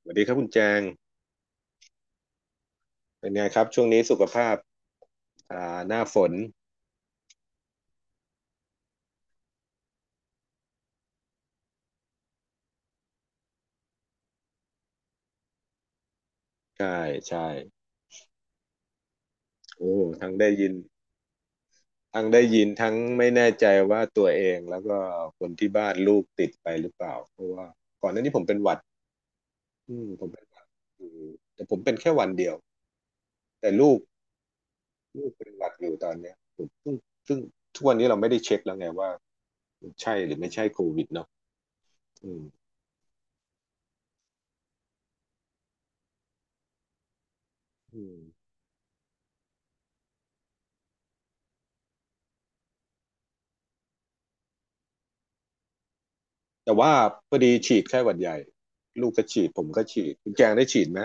สวัสดีครับคุณแจงเป็นไงครับช่วงนี้สุขภาพหน้าฝนใช่ใช่โอ้ทั้งได้ยินทั้งได้ยินทั้งไม่แน่ใจว่าตัวเองแล้วก็คนที่บ้านลูกติดไปหรือเปล่าเพราะว่าก่อนหน้านี้ผมเป็นหวัดอืมผมเป็นหวัดอยู่แต่ผมเป็นแค่วันเดียวแต่ลูกเป็นหวัดอยู่ตอนเนี้ยผมซึ่งทุกวันนี้เราไม่ได้เช็คแล้วไงว่ามันใช่หรือไม่ใช่โควิดเนาะอืมอืมแต่ว่าพอดีฉีดไข้หวัดใหญ่ลูกก็ฉีดผมก็ฉีดคุณแจงได้ฉีดไหม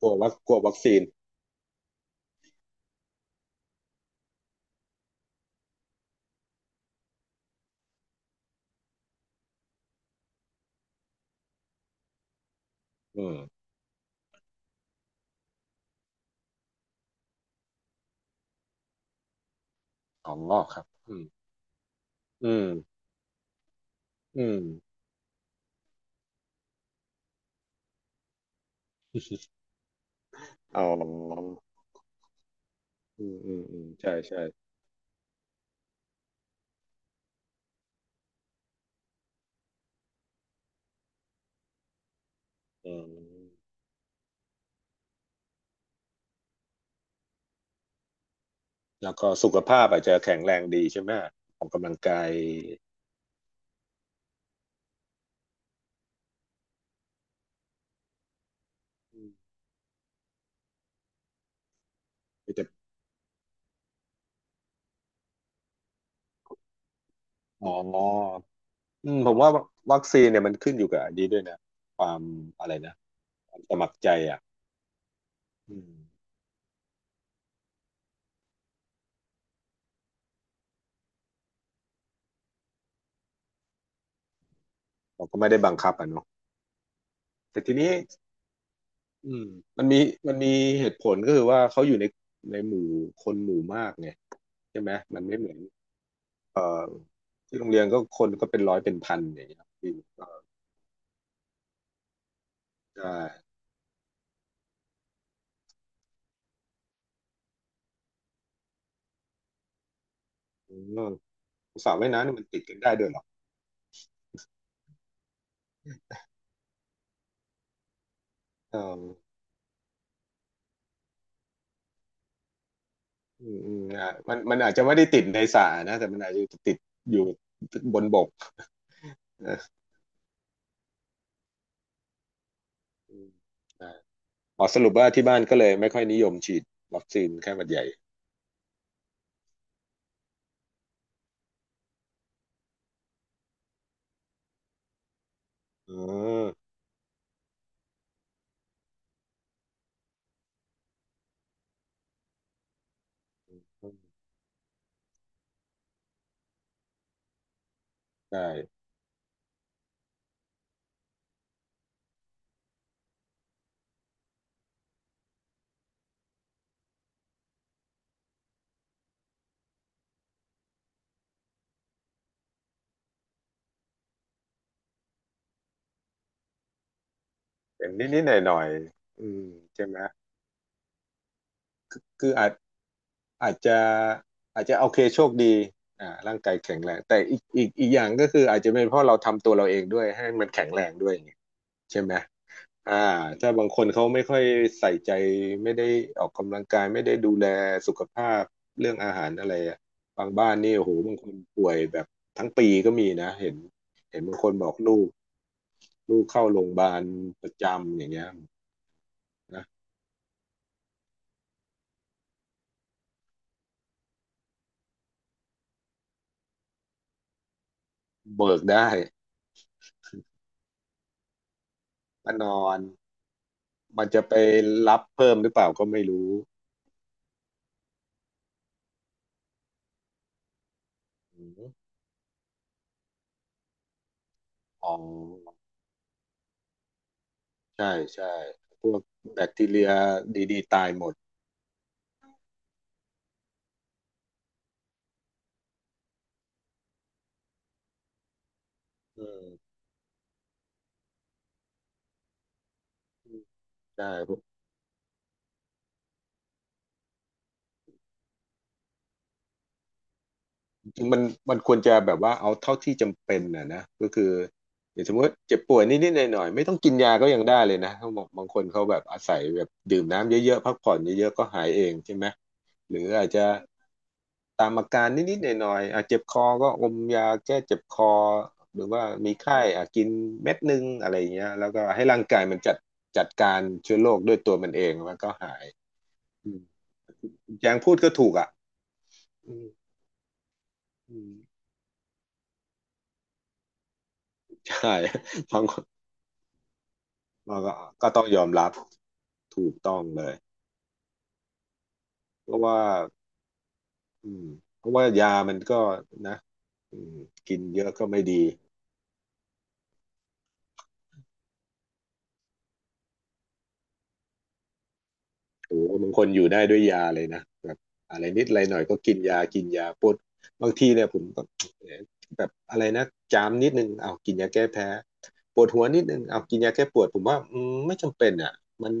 กลัววัคกลัววัคซีนอืมอ๋อครับอืมอืมอืมเอาอืมอืมอืมใช่ใช่อืมแล้วก็สุขภาพอาจจะแข็งแรงดีใช่ไหมออกกำลังกายอืมแต่อ๋ออืมผมว่าวัคซีนเนี่ยมันขึ้นอยู่กับอันนี้ด้วยนะ ความอะไรนะความสมัครใจอ่ะอืมเราก็ไม่ได้บังคับอ่ะเนาะแต่ทีนี้อืมมันมีมันมีเหตุผลก็คือว่าเขาอยู่ในในหมู่คนหมู่มากไงใช่ไหม มันไม่เหมือน เอ่อที่โรงเรียนก็คนก็เป็นร้อยเป็นพันอย่างเงี้ยครับพี่ก็ใช่อืมสระว่ายน้ำเนี่ยมันติดกันได้ด้วยเหรอเอออืมอืมอ่ะมันอาจจะไม่ได้ติดในสระนะ แต่มันอาจจะติดอยู่บนบกนะอืมใช่อ๋อสรุปว่าที่บ้านก็เลยไม่ค่อยนิยมฉีดวัคซีนไข้หวัดใหญ่อ๋อใช่เป็นนิด ๆ หน่อยๆอืมใช่ไหมคืออาจ อาจจะอาจจะโอเคโชคดีอ่าร่างกายแข็งแรงแต่อีกอย่างก็คืออาจจะเป็นเพราะเราทำตัวเราเองด้วยให้มันแข็งแรงด้วยอย่างเงี้ยใช่ไหมอ่าถ้าบางคนเขาไม่ค่อยใส่ใจไม่ได้ออกกำลังกายไม่ได้ดูแลสุขภาพเรื่องอาหารอะไรอะบางบ้านนี่โอ้โหบางคนป่วยแบบทั้งปีก็มีนะเห็นเห็นบางคนบอกลูกเข้าโรงพยาบาลประจำอย่างเงี้ยนะเบิกได้มานอนมันจะไปรับเพิ่มหรือเปล่าก็ไม่รู้ อ๋อใช่ใช่พวกแบคทีเรียดีๆตายหมดอืมใช่ จริงมันควรจะแบบว่าเอาเท่าที่จำเป็นนะนะก็คืออย่างสมมติเจ็บป่วยนิดๆหน่อยๆไม่ต้องกินยาก็ยังได้เลยนะเขาบอกบางคนเขาแบบอาศัยแบบดื่มน้ำเยอะๆพักผ่อนเยอะๆก็หายเองใช่ไหมหรืออาจจะตามอาการนิดๆหน่อยๆอาจเจ็บคอก็อมยาแก้เจ็บคอหรือว่ามีไข้อ่ะกินเม็ดนึงอะไรอย่างเงี้ยแล้วก็ให้ร่างกายมันจัดจัดการเชื้อโรคด้วยตัวมันเองมันก็หายอืมคุณแจงพูดก็ถูกอ่ะอืมอืมใช่ ฟัง เราก็ก็ต้องยอมรับถูกต้องเลยเพราะว่าอืมเพราะว่ายามันก็นะอืมกินเยอะก็ไม่ดี โอ้โหบางคนอยู่ได้ด้วยยาเลยนะแบบอะไรนิดอะไรหน่อยก็กินยากินยาปวดบางทีเนี่ยผมก็แบบอะไรนะจามนิดนึงเอากินยาแก้แพ้ปวดหัวนิดนึงเอากินยาแก้ปวดผมว่าไม่จำเป็นอ่ะมัน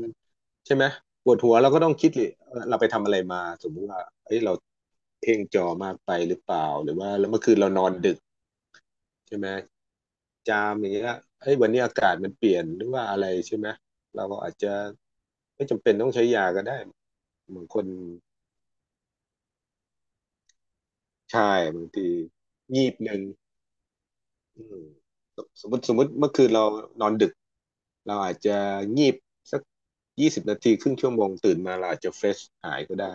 ใช่ไหมปวดหัวเราก็ต้องคิดเลยเออเราไปทำอะไรมาสมมุติว่าเอ้ยเราเพ่งจอมากไปหรือเปล่าหรือว่าแล้วเมื่อคืนเรานอนดึกใช่ไหมจามอย่างเงี้ยเอ้ยวันนี้อากาศมันเปลี่ยนหรือว่าอะไรใช่ไหมเราก็อาจจะไม่จำเป็นต้องใช้ยาก็ได้ บางคนใช่บางทีงีบหนึ่งอืมสมมติเมื่อคืนเรานอนดึกเราอาจจะงีบสัก20 นาทีครึ่งชั่วโมงตื่นมาเราอาจจะเฟรชหายก็ได้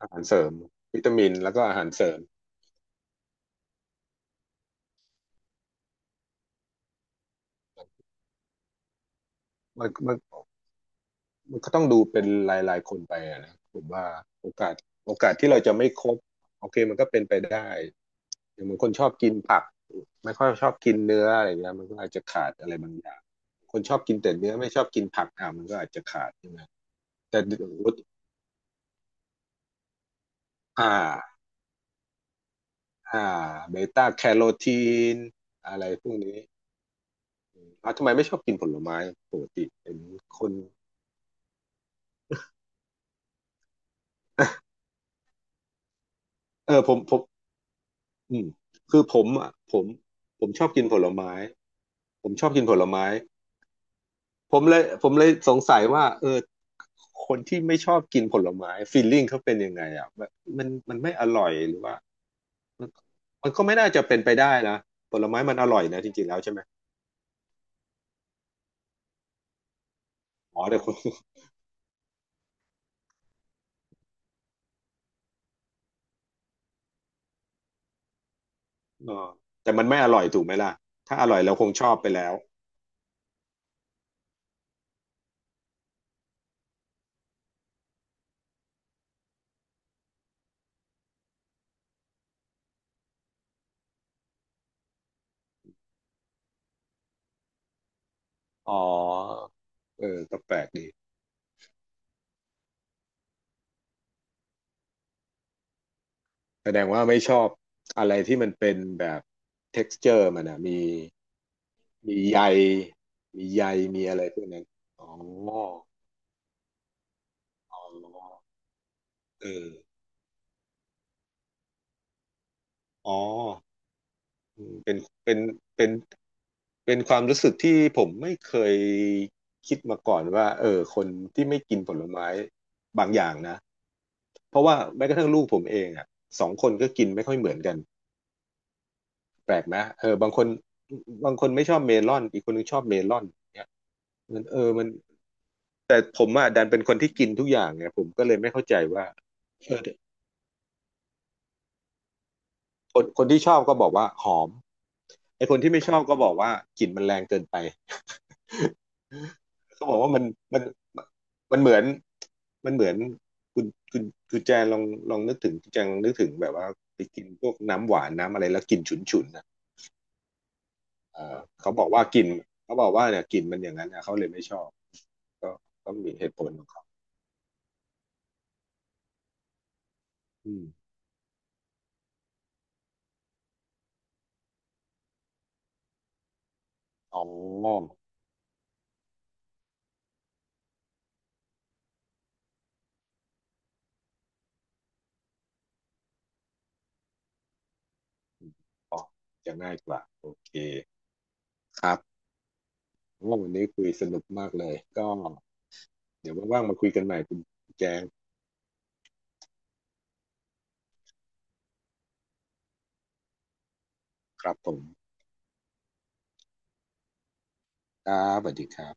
อาหารเสริมวิตามินแล้วก็อาหารเสริมมันมันมันก็ต้องดูเป็นรายๆคนไปอะนะผมว่าโอกาสโอกาสที่เราจะไม่ครบโอเคมันก็เป็นไปได้ อย่างบางคนชอบกินผักไม่ค่อยชอบกินเนื้ออะไรเงี้ยมันก็อาจจะขาดอะไรบางอย่างคนชอบกินแต่เนื้อไม่ชอบกินผักอ่ะมันก็อาจจะขาดใช่ไหมแต่ลดอ่าอ่าเบต้าแคโรทีนอะไรพวกนี้อ่ะทำไมไม่ชอบกินผลไม้ปกติเป็นคน เออผมอืมคือผมอ่ะผมผมชอบกินผลไม้ผมชอบกินผลไม้ ผมเลยสงสัยว่าเออคนที่ไม่ชอบกินผลไม้ฟีลลิ่งเขาเป็นยังไงอ่ะแบบมันไม่อร่อยหรือว่ามันมันก็ไม่น่าจะเป็นไปได้นะผลไม้มันอร่อยนะจริงๆแล้วใช่ไหมอ๋อแต่คน อ๋อแต่มันไม่อร่อยถูกไหมล่ะถ้าอร่อยเราคงชอบไปแล้วอ๋อเออก็แปลกดีแสดงว่าไม่ชอบอะไรที่มันเป็นแบบ texture มันอ่ะมีมีใยมีใยมีอะไรพวกนั้นอ๋ออ๋อเอออ๋อ อืมเป็นเป็นเป็นเป็นความรู้สึกที่ผมไม่เคยคิดมาก่อนว่าเออคนที่ไม่กินผลไม้บางอย่างนะเพราะว่าแม้กระทั่งลูกผมเองอ่ะสองคนก็กินไม่ค่อยเหมือนกันแปลกไหมเออบางคนบางคนไม่ชอบเมลอนอีกคนนึงชอบเมลอนเนี่ยมันเออมันแต่ผมอ่ะดันเป็นคนที่กินทุกอย่างไงผมก็เลยไม่เข้าใจว่าเออ คนที่ชอบก็บอกว่าหอมไอคนที่ไม่ชอบก็บอกว่ากลิ่นมันแรงเกินไป เขาบอกว่ามันมันมันเหมือนมันเหมือนคุณคุณคุณแจงลองลองนึกถึงคุณแจงลองนึกถึงแบบว่าไปกินพวกน้ำหวานน้ำอะไรแล้วกลิ่นฉุนฉุนอ่ะเออเขาบอกว่ากลิ่นเขาบอกว่าเนี่ยกลิ่นมันอย่างนั้นนะเขาเลยไม่ชอบก็ก็มีเหตุผลของเขาอืมอ๋ออืมอ๋อจะง่ายกว่าโอเคครับโอ้วันนี้คุยสนุกมากเลยก็ เดี๋ยวว่างๆมาคุยกันใหม่คุณแจงครับผมครับสวัสดีครับ